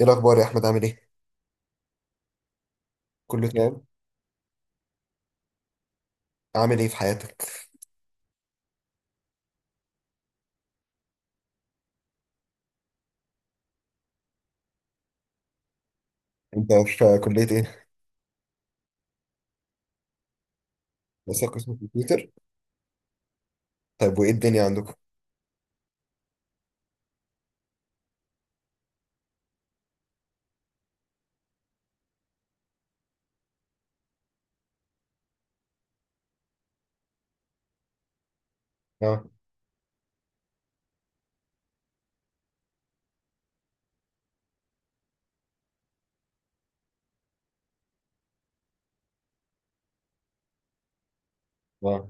ايه الاخبار يا احمد، عامل ايه؟ كله تمام. عامل ايه في حياتك؟ انت في كليه ايه؟ لسه قسم كمبيوتر؟ طيب وايه الدنيا عندكم؟ اه، اه،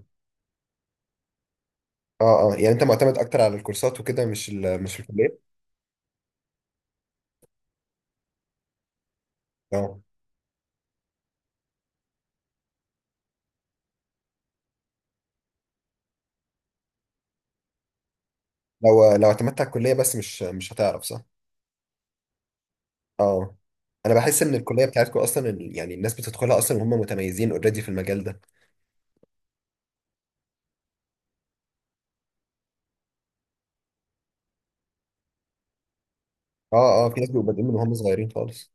اه، اه، يعني انت معتمد اكتر على الكورسات وكده، مش ال مش الكليه. اه. لو اعتمدت على الكليه بس، مش هتعرف، صح؟ اه. انا بحس ان الكليه بتاعتكم اصلا يعني الناس بتدخلها اصلا وهم متميزين اوريدي في المجال ده. اه، اه، في ناس بيبقوا بادئين من وهم صغيرين خالص.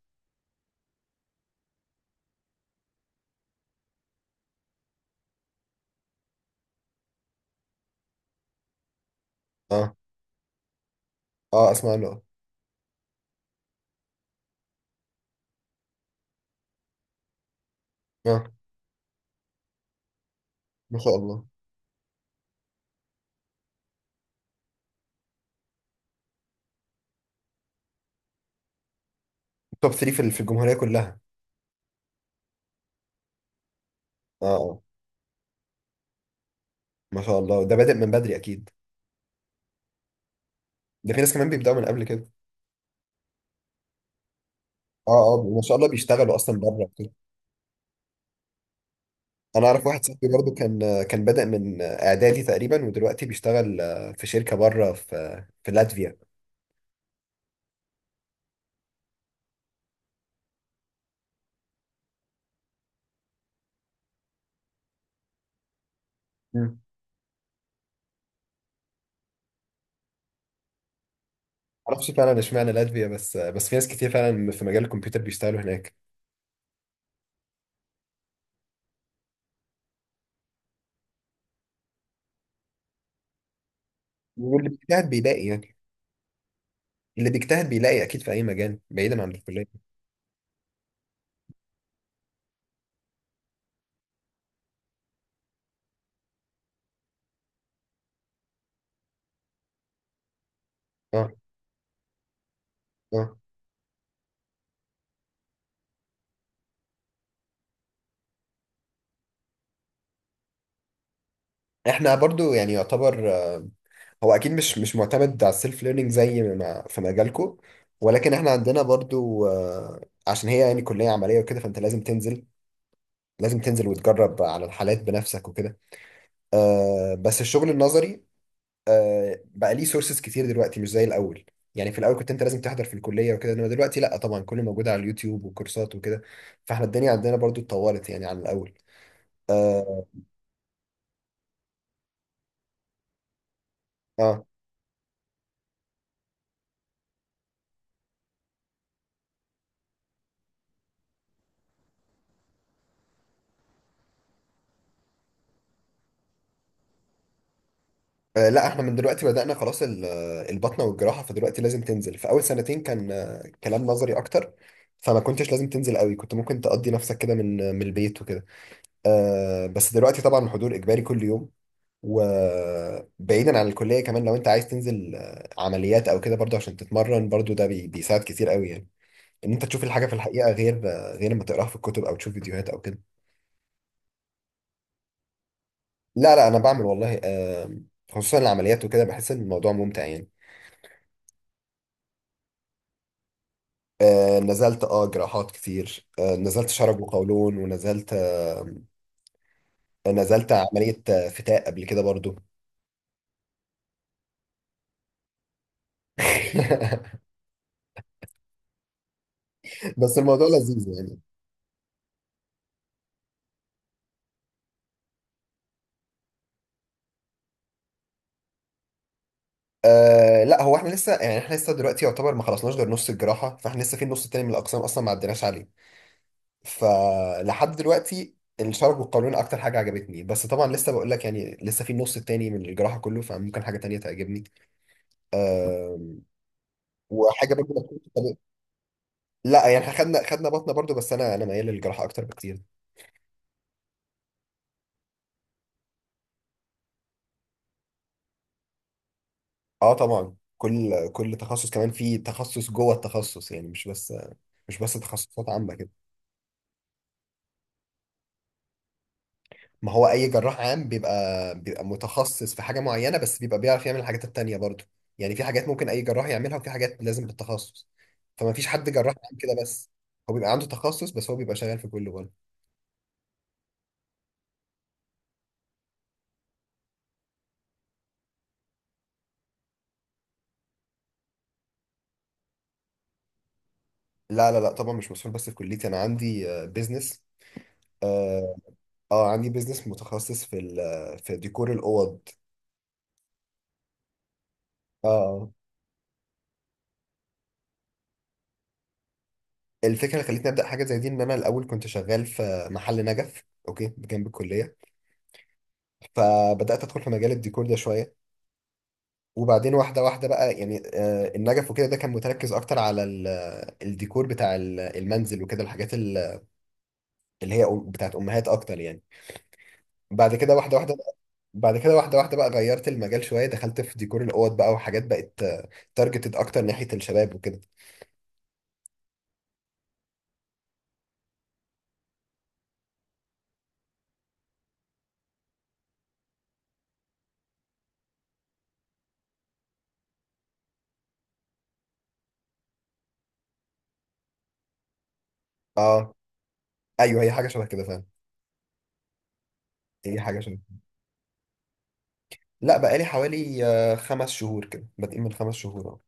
اه، اه، اسمع له. اه، ما شاء الله. توب 3 في الجمهوريه كلها؟ اه، اه، ما شاء الله، ده بادئ من بدري اكيد. ده في ناس كمان بيبداوا من قبل كده. اه، اه، ما شاء الله، بيشتغلوا اصلا بره وكده. انا اعرف واحد صاحبي برضو كان بدأ من اعدادي تقريبا، ودلوقتي بيشتغل في شركه بره في لاتفيا. مم. معرفش فعلا اشمعنى لاتفيا، بس في ناس كتير فعلا في مجال الكمبيوتر بيشتغلوا هناك. واللي بيجتهد بيلاقي يعني. اللي بيجتهد بيلاقي اكيد في اي مجال بعيدا عن الكليه. اه، اه. احنا برضو يعني يعتبر، هو اكيد مش معتمد على السيلف ليرنينج زي ما في مجالكو، ولكن احنا عندنا برضو، عشان هي يعني كلية عملية وكده، فانت لازم تنزل. لازم تنزل وتجرب على الحالات بنفسك وكده. بس الشغل النظري بقى ليه سورسز كتير دلوقتي، مش زي الاول. يعني في الاول كنت انت لازم تحضر في الكلية وكده، انما دلوقتي لا طبعا، كله موجود على اليوتيوب وكورسات وكده. فاحنا الدنيا عندنا برضو اتطورت يعني عن الاول. اه. آه. آه، لا احنا من دلوقتي بدأنا خلاص البطنة والجراحة. فدلوقتي لازم تنزل. في أول سنتين كان كلام نظري أكتر، فما كنتش لازم تنزل قوي، كنت ممكن تقضي نفسك كده من، من البيت وكده. آه، بس دلوقتي طبعا الحضور إجباري كل يوم. وبعيدا عن الكلية كمان، لو أنت عايز تنزل عمليات أو كده برضو عشان تتمرن، برضو ده بيساعد كتير قوي يعني. إن أنت تشوف الحاجة في الحقيقة غير، غير ما تقراها في الكتب أو تشوف فيديوهات أو كده. لا لا، أنا بعمل والله، خصوصا العمليات وكده، بحس إن الموضوع ممتع يعني. آه نزلت، اه، جراحات كتير. آه نزلت شرج وقولون، ونزلت نزلت عملية فتاء قبل كده برضو. بس الموضوع لذيذ يعني. آه لا، هو احنا لسه دلوقتي يعتبر ما خلصناش غير نص الجراحة. فاحنا لسه في النص التاني من الأقسام أصلا ما عديناش عليه. فلحد دلوقتي الشرج والقولون أكتر حاجة عجبتني، بس طبعا لسه بقول لك يعني، لسه في النص التاني من الجراحة كله، فممكن حاجة تانية تعجبني. آه. وحاجة برضو. لا يعني احنا خدنا بطنه برضو، بس انا ميال للجراحه اكتر بكتير. اه طبعا، كل تخصص كمان في تخصص جوه التخصص يعني، مش بس تخصصات عامه كده. ما هو اي جراح عام بيبقى متخصص في حاجه معينه، بس بيبقى بيعرف يعمل الحاجات التانيه برضو. يعني في حاجات ممكن اي جراح يعملها، وفي حاجات لازم بالتخصص. فما فيش حد جراح عام كده بس، هو بيبقى عنده تخصص، بس هو بيبقى شغال في كل جوه. لا لا لا، طبعا مش مسؤول بس في كليتي، انا عندي بيزنس. اه business. آه، عندي بيزنس متخصص في ديكور الاوض. اه. الفكره اللي خلتني ابدا حاجه زي دي، ان انا الاول كنت شغال في محل نجف، اوكي، جنب الكليه. فبدات ادخل في مجال الديكور ده شويه. وبعدين واحده واحده بقى، يعني، النجف وكده ده كان متركز اكتر على الديكور بتاع المنزل وكده، الحاجات بتاعت امهات اكتر يعني. بعد كده واحده واحده بقى- بعد كده واحده واحده بقى غيرت المجال شويه، دخلت في ديكور الاوض بقى، وحاجات بقت تارجتد اكتر ناحيه الشباب وكده. اه. ايوه، هي حاجه شبه كده فعلا. هي حاجه شبه لا، بقالي حوالي، 5 شهور كده، بادئين من 5 شهور اهو.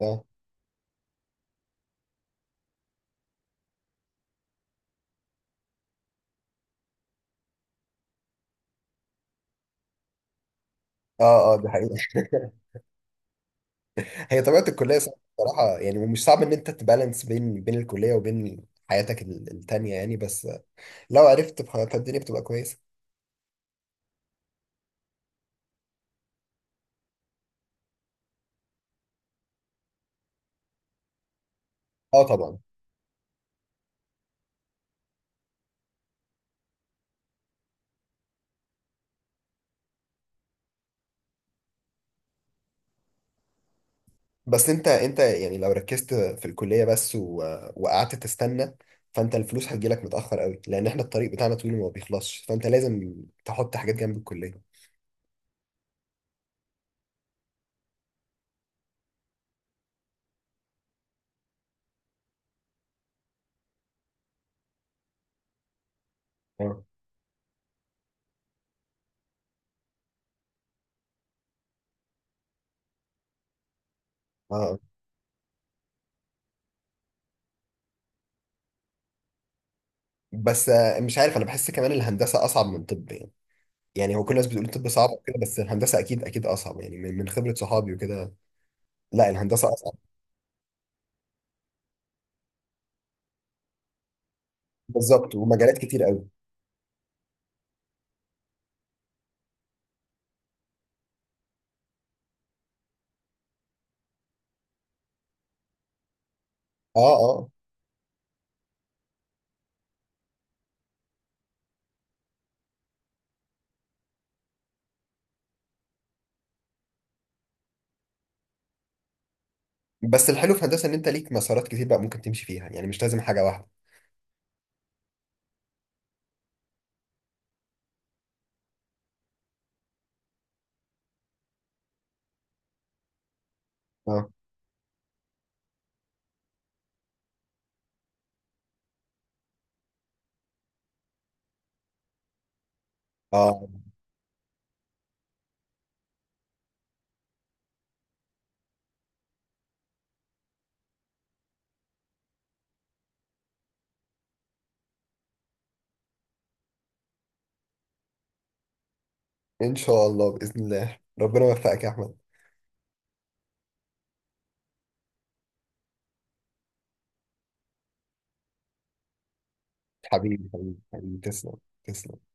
اه، اه، اه، دي حقيقة. هي طبيعة الكلية صعبة بصراحة يعني، ومش صعب ان انت تبالانس بين الكلية وبين حياتك التانية يعني، بس، لو عرفت بخطة الدنيا بتبقى كويسة. اه طبعا. بس انت يعني لو ركزت في الكلية بس وقعدت تستنى، فانت الفلوس هتجيلك متأخر قوي، لان احنا الطريق بتاعنا طويل وما بيخلصش، فانت لازم تحط حاجات جنب الكلية. اه، اه. بس، مش عارف، انا بحس كمان الهندسة اصعب من طب يعني. يعني هو كل الناس بتقول الطب صعب وكده، بس الهندسه اكيد اكيد اصعب يعني، من خبره صحابي وكده. لا الهندسه اصعب. بالظبط، ومجالات كتير قوي. اه، اه. بس الحلو في الهندسه ان انت ليك مسارات كتير بقى ممكن تمشي فيها يعني، مش لازم حاجه واحده. اه، اه. ان شاء الله باذن الله، ربنا يوفقك يا احمد. حبيبي حبيبي حبيبي، تسلم. تسلم.